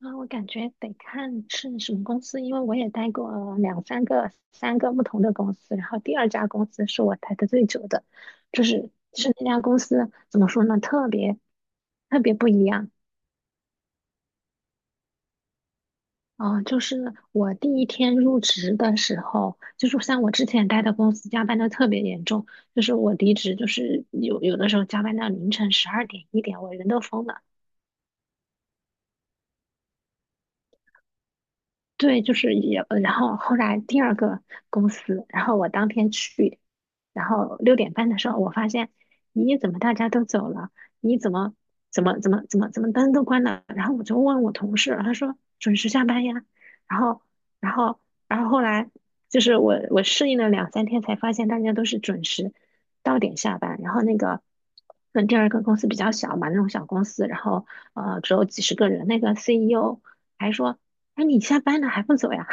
我感觉得看是什么公司，因为我也待过两三个、三个不同的公司，然后第二家公司是我待的最久的，就是那家公司怎么说呢，特别不一样啊。就是我第一天入职的时候，就是像我之前待的公司加班的特别严重，就是我离职就是有的时候加班到凌晨12点1点，我人都疯了。对，就是也，然后后来第二个公司，然后我当天去，然后6点半的时候，我发现，咦，怎么大家都走了？你怎么怎么灯都关了？然后我就问我同事，他说准时下班呀。然后，然后，然后后来就是我适应了2、3天，才发现大家都是准时到点下班。然后那个，嗯，第二个公司比较小嘛，那种小公司，然后只有几十个人，那个 CEO 还说。哎，你下班了还不走呀？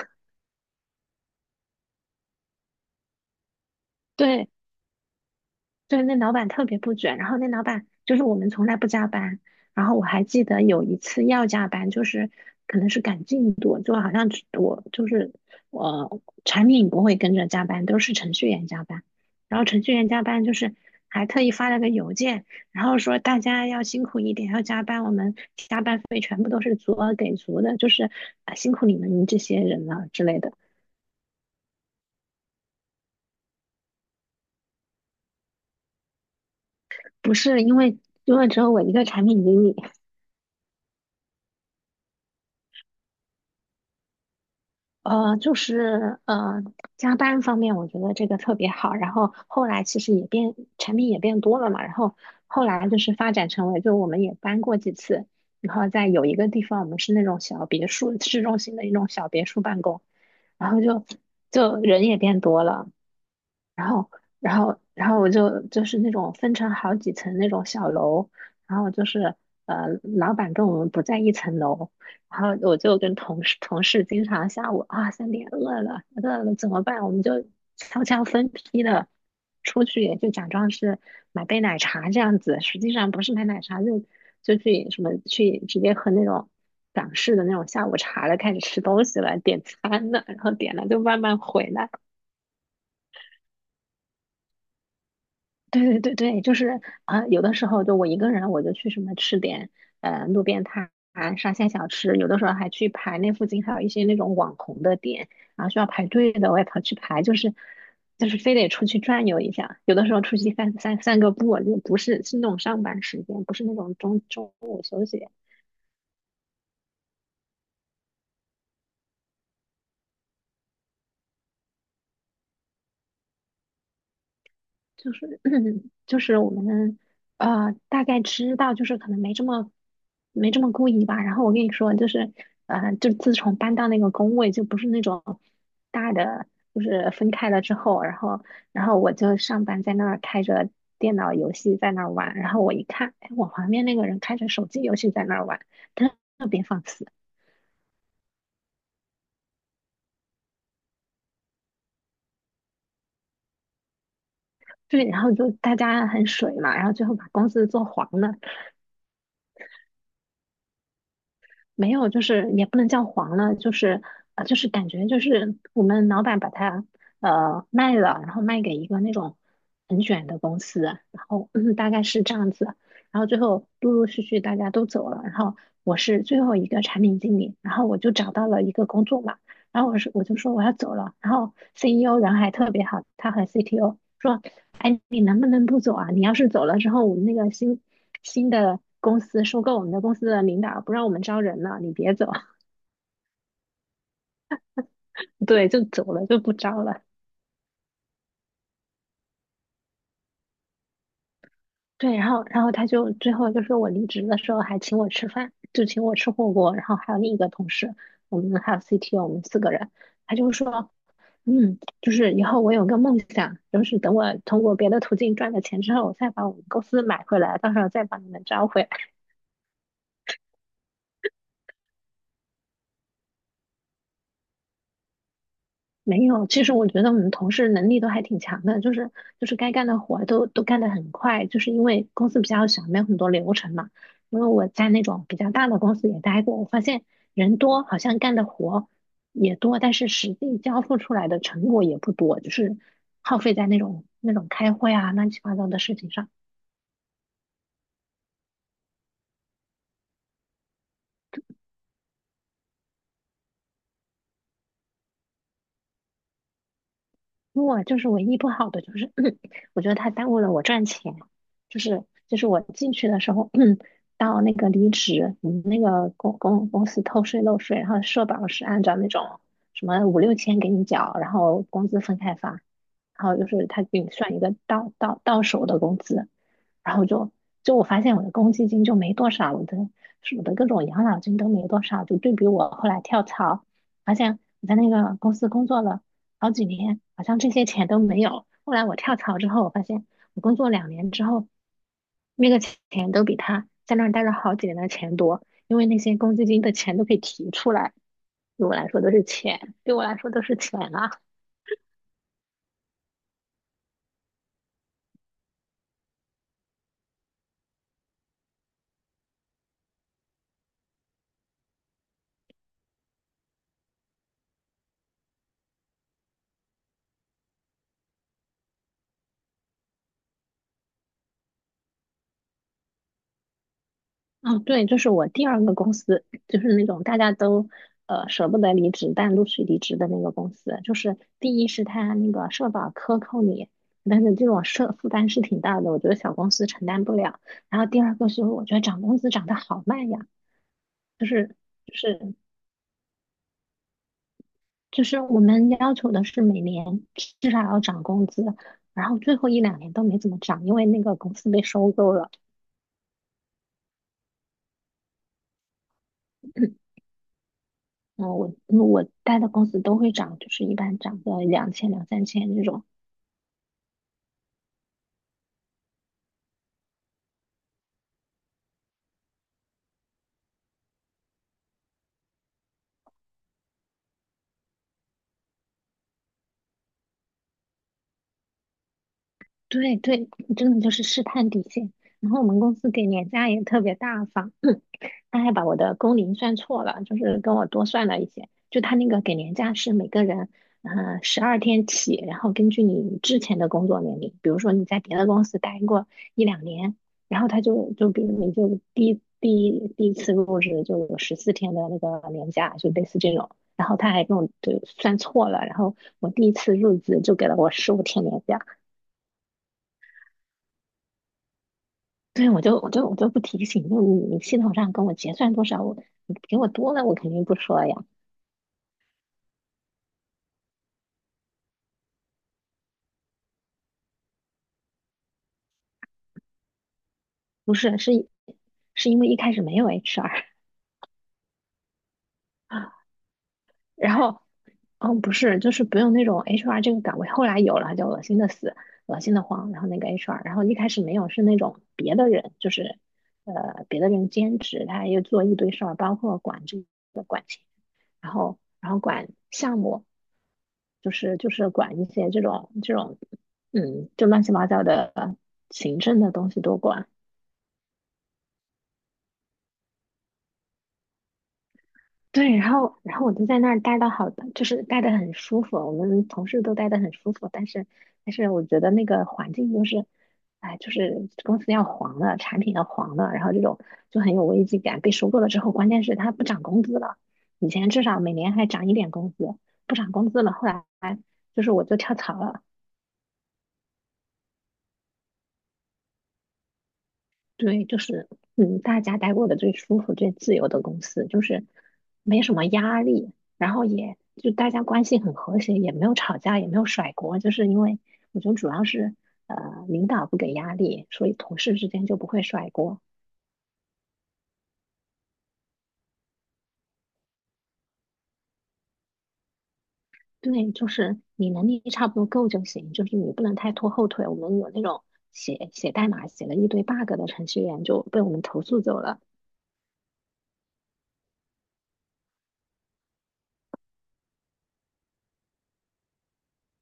对对，那老板特别不准。然后那老板就是我们从来不加班。然后我还记得有一次要加班，就是可能是赶进度，就好像只我就是我产品不会跟着加班，都是程序员加班。然后程序员加班就是还特意发了个邮件，然后说大家要辛苦一点，要加班，我们加班费全部都是足额给足的，就是辛苦你们这些人了之类的。不是因为因为只有我一个产品经理。就是加班方面，我觉得这个特别好。然后后来其实也变，产品也变多了嘛。然后后来就是发展成为，就我们也搬过几次。然后在有一个地方，我们是那种小别墅，市中心的一种小别墅办公。然后就人也变多了。然后，然后，然后我就就是那种分成好几层那种小楼，然后就是老板跟我们不在一层楼，然后我就跟同事经常下午啊3点饿了怎么办？我们就悄悄分批的出去，就假装是买杯奶茶这样子，实际上不是买奶茶，就就去什么去直接喝那种港式的那种下午茶了，开始吃东西了，点餐了，然后点了就慢慢回来。对对对对，就是啊、有的时候就我一个人，我就去什么吃点路边摊、沙县小吃，有的时候还去排那附近还有一些那种网红的店，然后需要排队的，我也跑去排，就是就是非得出去转悠一下。有的时候出去散个步，就不是是那种上班时间，不是那种中午休息，就是 就是我们大概知道，就是可能没这么故意吧。然后我跟你说，就是就自从搬到那个工位，就不是那种大的，就是分开了之后，然后然后我就上班在那儿开着电脑游戏在那儿玩，然后我一看，哎，我旁边那个人开着手机游戏在那儿玩，特特别放肆。对，然后就大家很水嘛，然后最后把公司做黄了。没有，就是也不能叫黄了，就是就是感觉就是我们老板把它卖了，然后卖给一个那种很卷的公司，然后嗯大概是这样子，然后最后陆陆续续大家都走了，然后我是最后一个产品经理，然后我就找到了一个工作嘛，然后我就说我要走了，然后 CEO 人还特别好，他和 CTO 说，哎，你能不能不走啊？你要是走了之后，我们那个新的公司收购我们的公司的领导不让我们招人了，你别走。对，就走了，就不招了。对，然后然后他就最后就说我离职的时候还请我吃饭，就请我吃火锅，然后还有另一个同事，我们还有 CTO，我们4个人，他就说嗯，就是以后我有个梦想，就是等我通过别的途径赚了钱之后，我再把我们公司买回来，到时候再把你们招回来。没有，其实我觉得我们同事能力都还挺强的，就是就是该干的活儿都干得很快，就是因为公司比较小，没有很多流程嘛。因为我在那种比较大的公司也待过，我发现人多，好像干的活也多，但是实际交付出来的成果也不多，就是耗费在那种开会啊、乱七八糟的事情上。我就是唯一不好的就是，我觉得他耽误了我赚钱。就是就是我进去的时候，到那个离职，我们那个公司偷税漏税，然后社保是按照那种什么5、6千给你缴，然后工资分开发，然后就是他给你算一个到手的工资，然后就就我发现我的公积金就没多少，我的各种养老金都没多少，就对比我后来跳槽，发现我在那个公司工作了好几年，好像这些钱都没有。后来我跳槽之后，我发现我工作两年之后，那个钱都比他在那儿待了好几年的钱多，因为那些公积金的钱都可以提出来，对我来说都是钱，对我来说都是钱啊。哦，对，就是我第二个公司，就是那种大家都舍不得离职，但陆续离职的那个公司。就是第一是他那个社保克扣你，但是这种社负担是挺大的，我觉得小公司承担不了。然后第二个是我觉得涨工资涨得好慢呀，就是就是就是我们要求的是每年至少要涨工资，然后最后一两年都没怎么涨，因为那个公司被收购了。嗯，我待的公司都会涨，就是一般涨个2000、2、3千这种。对对，真的就是试探底线。然后我们公司给年假也特别大方，他还把我的工龄算错了，就是跟我多算了一些。就他那个给年假是每个人，嗯、12天起，然后根据你之前的工作年龄，比如说你在别的公司待过一两年，然后他就就比如你就第一次入职就有14天的那个年假，就类似这种。然后他还跟我就算错了，然后我第一次入职就给了我15天年假。对，我就不提醒，就你系统上跟我结算多少，我你给我多了，我肯定不说呀。不是，是因为一开始没有 HR，然后嗯，不是，就是不用那种 HR 这个岗位，后来有了就恶心的死，恶心的慌，然后那个 HR，然后一开始没有是那种别的人，就是别的人兼职，他又做一堆事儿，包括管这，然后然后管项目，就是管一些这种就乱七八糟的行政的东西都管。对，然后然后我就在那儿待的好的，就是待的很舒服，我们同事都待的很舒服，但是但是我觉得那个环境就是，哎，就是公司要黄了，产品要黄了，然后这种就很有危机感。被收购了之后，关键是它不涨工资了，以前至少每年还涨一点工资，不涨工资了，后来就是我就跳槽了。对，就是嗯，大家待过的最舒服、最自由的公司，就是没什么压力，然后也就大家关系很和谐，也没有吵架，也没有甩锅，就是因为我觉得主要是呃领导不给压力，所以同事之间就不会甩锅。对，就是你能力差不多够就行，就是你不能太拖后腿。我们有那种写代码写了一堆 bug 的程序员就被我们投诉走了。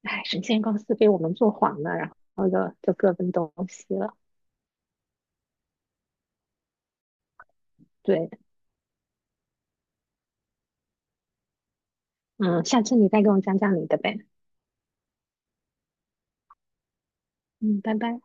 哎，神仙公司被我们做黄了，然后就就各奔东西了。对。嗯，下次你再跟我讲讲你的呗。嗯，拜拜。